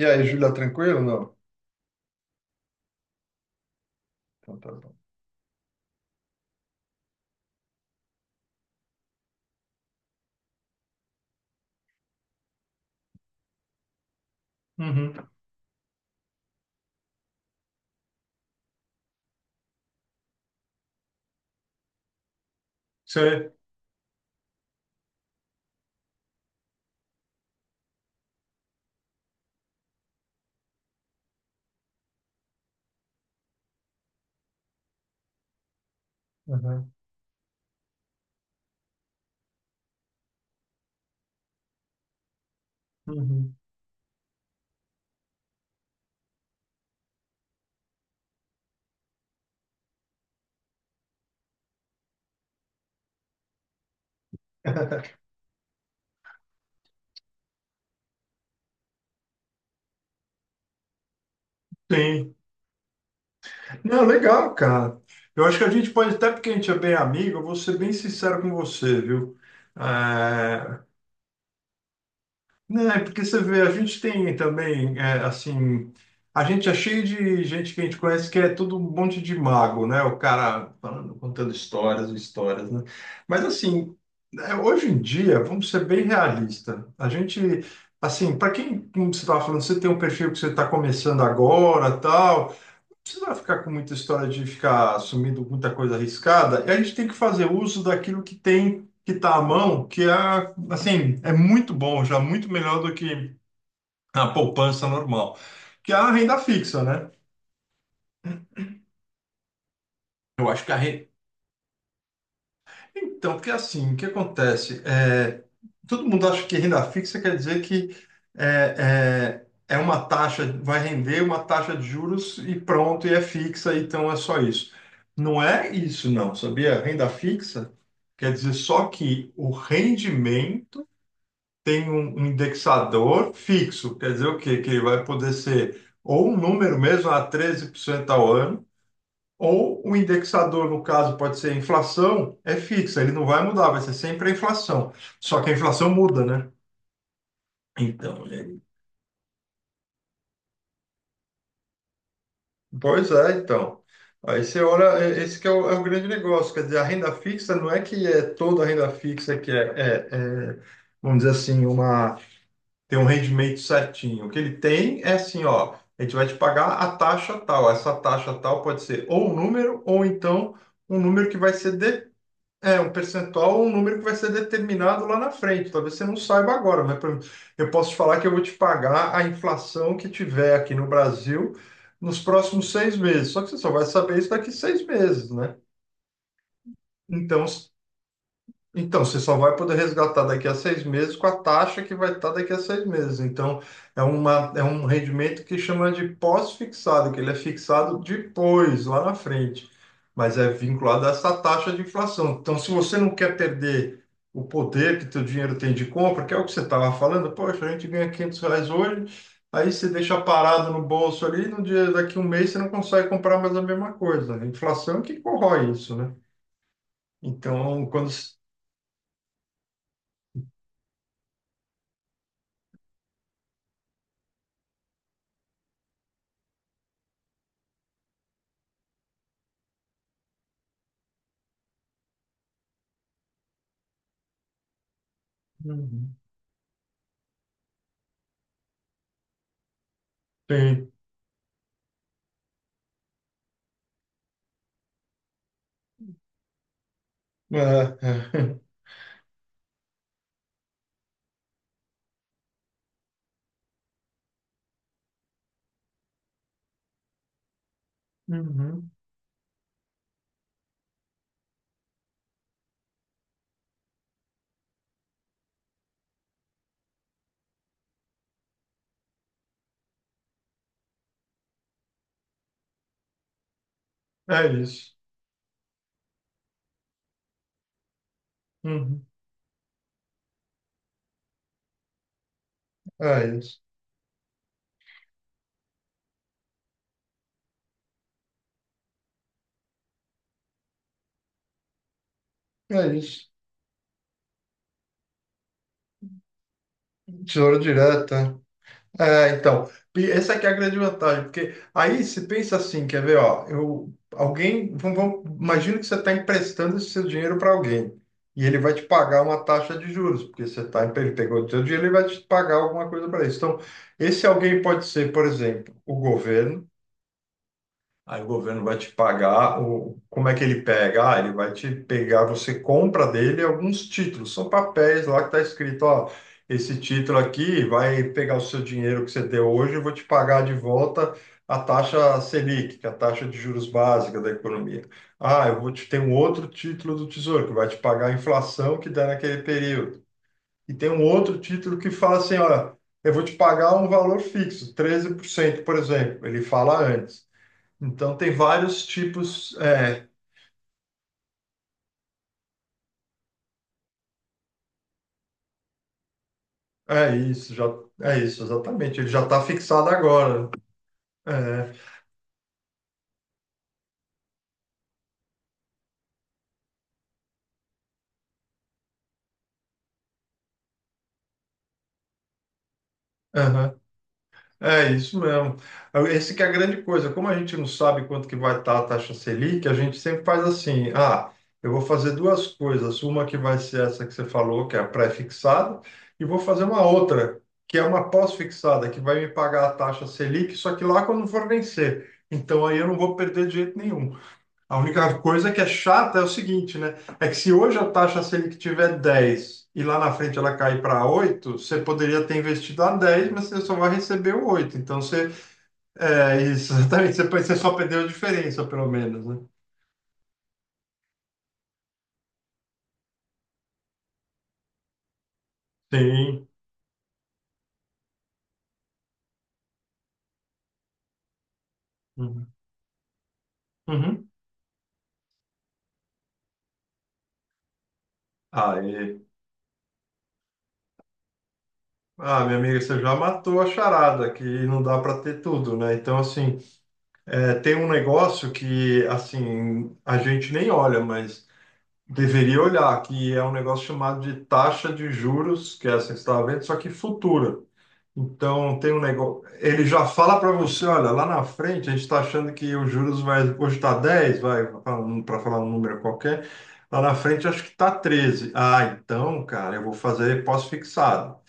E aí, Júlia, tranquilo? Não? Então tá bom. Uhum. Sei. Uhum. Uhum. Sim. Não, legal, cara. Eu acho que a gente pode, até porque a gente é bem amigo, eu vou ser bem sincero com você, viu? É, Não, é porque você vê, a gente tem também, assim, a gente é cheio de gente que a gente conhece que é todo um monte de mago, né? O cara falando, contando histórias, e histórias, né? Mas, assim, hoje em dia, vamos ser bem realista. A gente, assim, para quem, como você estava falando, você tem um perfil que você está começando agora, tal, precisa ficar com muita história de ficar assumindo muita coisa arriscada, e a gente tem que fazer uso daquilo que tem, que está à mão, que é, assim, é muito bom, já muito melhor do que a poupança normal, que é a renda fixa, né? Eu acho que então, porque assim, o que acontece? Todo mundo acha que renda fixa quer dizer que é uma taxa, vai render uma taxa de juros e pronto, e é fixa, então é só isso. Não é isso, não, sabia? Renda fixa quer dizer só que o rendimento tem um indexador fixo, quer dizer o quê? Que ele vai poder ser ou um número mesmo a 13% ao ano, ou o indexador, no caso, pode ser a inflação, é fixa, ele não vai mudar, vai ser sempre a inflação. Só que a inflação muda, né? Então, pois é, então. Aí você olha, esse que é o grande negócio, quer dizer, a renda fixa não é que é toda a renda fixa que é, vamos dizer assim, tem um rendimento certinho. O que ele tem é assim, ó, a gente vai te pagar a taxa tal. Essa taxa tal pode ser ou um número, ou então um número que vai ser. Um percentual, um número que vai ser determinado lá na frente. Talvez você não saiba agora, mas por exemplo, eu posso te falar que eu vou te pagar a inflação que tiver aqui no Brasil nos próximos 6 meses. Só que você só vai saber isso daqui 6 meses, né? Então, então, você só vai poder resgatar daqui a 6 meses com a taxa que vai estar daqui a 6 meses. Então, é uma, é um rendimento que chama de pós-fixado, que ele é fixado depois, lá na frente, mas é vinculado a essa taxa de inflação. Então, se você não quer perder o poder que teu dinheiro tem de compra, que é o que você estava falando, poxa, a gente ganha R$ 500 hoje, aí você deixa parado no bolso ali, no dia daqui a um mês você não consegue comprar mais a mesma coisa. A inflação é que corrói isso, né? Então, quando... Sim. Ah é. Uhum. É isso. Uhum. É isso. É isso. Tesouro direto. É, então. E essa aqui é a grande vantagem, porque aí se pensa assim, quer ver, ó, eu, alguém, imagina que você está emprestando esse seu dinheiro para alguém, e ele vai te pagar uma taxa de juros, porque você tá, ele pegou o seu dinheiro, ele vai te pagar alguma coisa para isso. Então, esse alguém pode ser, por exemplo, o governo. Aí o governo vai te pagar, o, como é que ele pega? Ah, ele vai te pegar, você compra dele alguns títulos, são papéis lá que está escrito, ó, esse título aqui vai pegar o seu dinheiro que você deu hoje, eu vou te pagar de volta a taxa Selic, que é a taxa de juros básica da economia. Ah, eu vou te ter um outro título do Tesouro que vai te pagar a inflação que dá naquele período. E tem um outro título que fala assim, olha, eu vou te pagar um valor fixo, 13%, por exemplo. Ele fala antes. Então tem vários tipos. É, é isso, já é isso, exatamente. Ele já está fixado agora, né? É, aham, é isso mesmo. Esse que é a grande coisa. Como a gente não sabe quanto que vai estar a taxa Selic, a gente sempre faz assim: ah, eu vou fazer duas coisas. Uma que vai ser essa que você falou, que é a pré-fixada, e vou fazer uma outra, que é uma pós-fixada, que vai me pagar a taxa Selic, só que lá quando for vencer. Então aí eu não vou perder de jeito nenhum. A única coisa que é chata é o seguinte, né? É que se hoje a taxa Selic tiver 10 e lá na frente ela cair para 8, você poderia ter investido a 10, mas você só vai receber o 8. Então você, isso, exatamente, você só perdeu a diferença, pelo menos, né? Sim. Uhum. Uhum. Aí. Ah, minha amiga, você já matou a charada, que não dá para ter tudo, né? Então, assim, tem um negócio que, assim, a gente nem olha, mas deveria olhar, que é um negócio chamado de taxa de juros, que é essa que você estava vendo, só que futura. Então, tem um negócio. Ele já fala para você: olha, lá na frente a gente está achando que os juros vai. Hoje está 10 vai, para falar um número qualquer. Lá na frente acho que está treze. Ah, então, cara, eu vou fazer pós-fixado.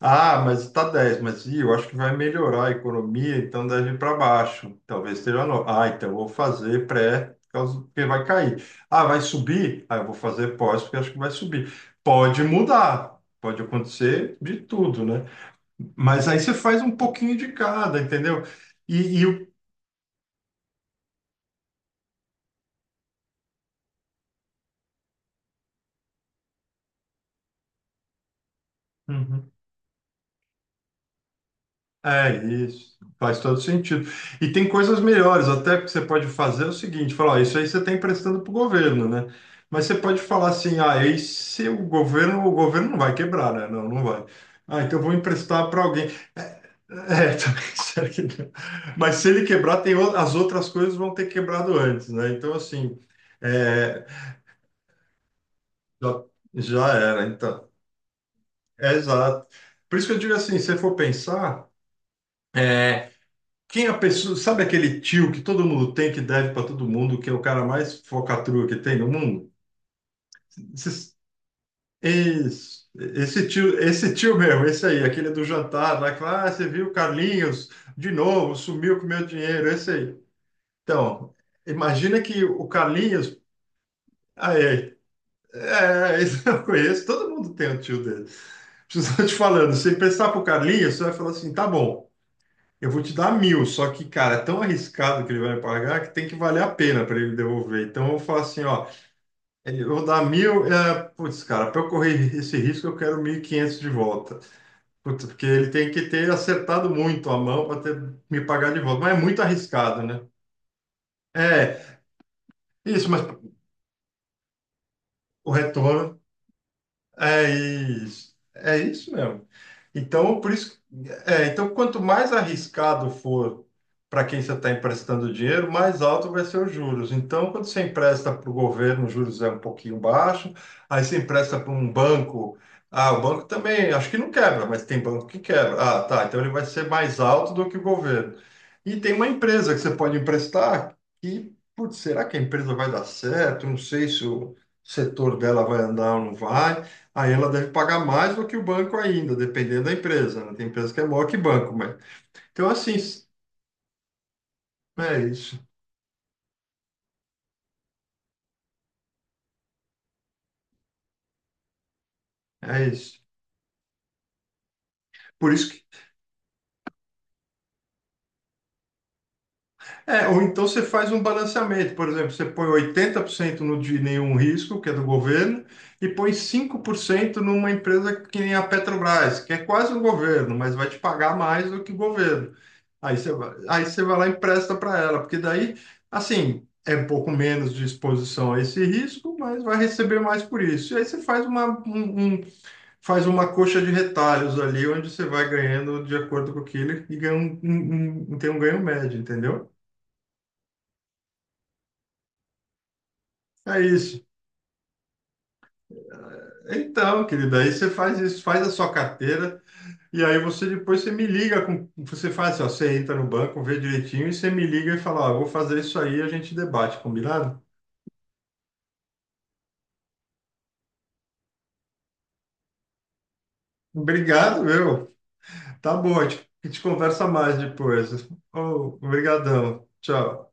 Ah, mas está 10 mas ih, eu acho que vai melhorar a economia, então deve ir para baixo. Talvez esteja no... Ah, então eu vou fazer pré, porque vai cair. Ah, vai subir? Ah, eu vou fazer pós, porque acho que vai subir. Pode mudar, pode acontecer de tudo, né? Mas aí você faz um pouquinho de cada, entendeu? E, e o- Uhum. É isso, faz todo sentido. E tem coisas melhores, até que você pode fazer é o seguinte, falar, ó, isso aí você está emprestando para o governo, né? Mas você pode falar assim, ah, e se o governo, o governo não vai quebrar, né? Não, não vai. Ah, então eu vou emprestar para alguém. Também, será que não? Mas se ele quebrar, tem o- as outras coisas vão ter quebrado antes, né? Então, assim, é, já, já era, então. É, exato. Por isso que eu digo assim, se você for pensar, é, quem é a pessoa, sabe aquele tio que todo mundo tem, que deve para todo mundo, que é o cara mais focatrua que tem no mundo? Esses- esse tio, esse tio mesmo, esse aí, aquele do jantar, lá que fala, ah, você viu o Carlinhos de novo, sumiu com meu dinheiro, esse aí. Então, imagina que o Carlinhos, aí, esse eu conheço, todo mundo tem um tio dele. Preciso te falando, se pensar pro Carlinhos, você vai falar assim, tá bom. Eu vou te dar mil, só que, cara, é tão arriscado que ele vai me pagar que tem que valer a pena para ele me devolver. Então eu falo assim, ó, eu vou dar mil, putz, cara, para eu correr esse risco eu quero 1.500 de volta. Putz, porque ele tem que ter acertado muito a mão para me pagar de volta. Mas é muito arriscado, né? É, isso, mas o retorno. É isso mesmo. Então, por isso, então quanto mais arriscado for para quem você está emprestando dinheiro, mais alto vai ser os juros. Então, quando você empresta para o governo, os juros é um pouquinho baixo, aí você empresta para um banco, ah, o banco também, acho que não quebra, mas tem banco que quebra. Ah, tá, então ele vai ser mais alto do que o governo. E tem uma empresa que você pode emprestar que, putz, será que a empresa vai dar certo? Não sei se o setor dela vai andar ou não vai. Aí ela deve pagar mais do que o banco ainda, dependendo da empresa, né? Tem empresa que é maior que banco, mas... Então, assim, é isso, é isso. Por isso que é, ou então você faz um balanceamento, por exemplo, você põe 80% no de nenhum risco, que é do governo, e põe 5% numa empresa que nem a Petrobras, que é quase o governo, mas vai te pagar mais do que o governo. Aí você vai lá e empresta para ela, porque daí, assim, é um pouco menos de exposição a esse risco, mas vai receber mais por isso. E aí você faz faz uma coxa de retalhos ali, onde você vai ganhando de acordo com aquilo e ganha tem um ganho médio, entendeu? É isso. Então, querida, aí você faz isso, faz a sua carteira e aí você depois você me liga com, você faz assim, ó, você entra no banco, vê direitinho e você me liga e fala, ó, vou fazer isso aí, a gente debate, combinado? Obrigado, meu. Tá bom, a gente conversa mais depois. Oh, obrigadão. Tchau.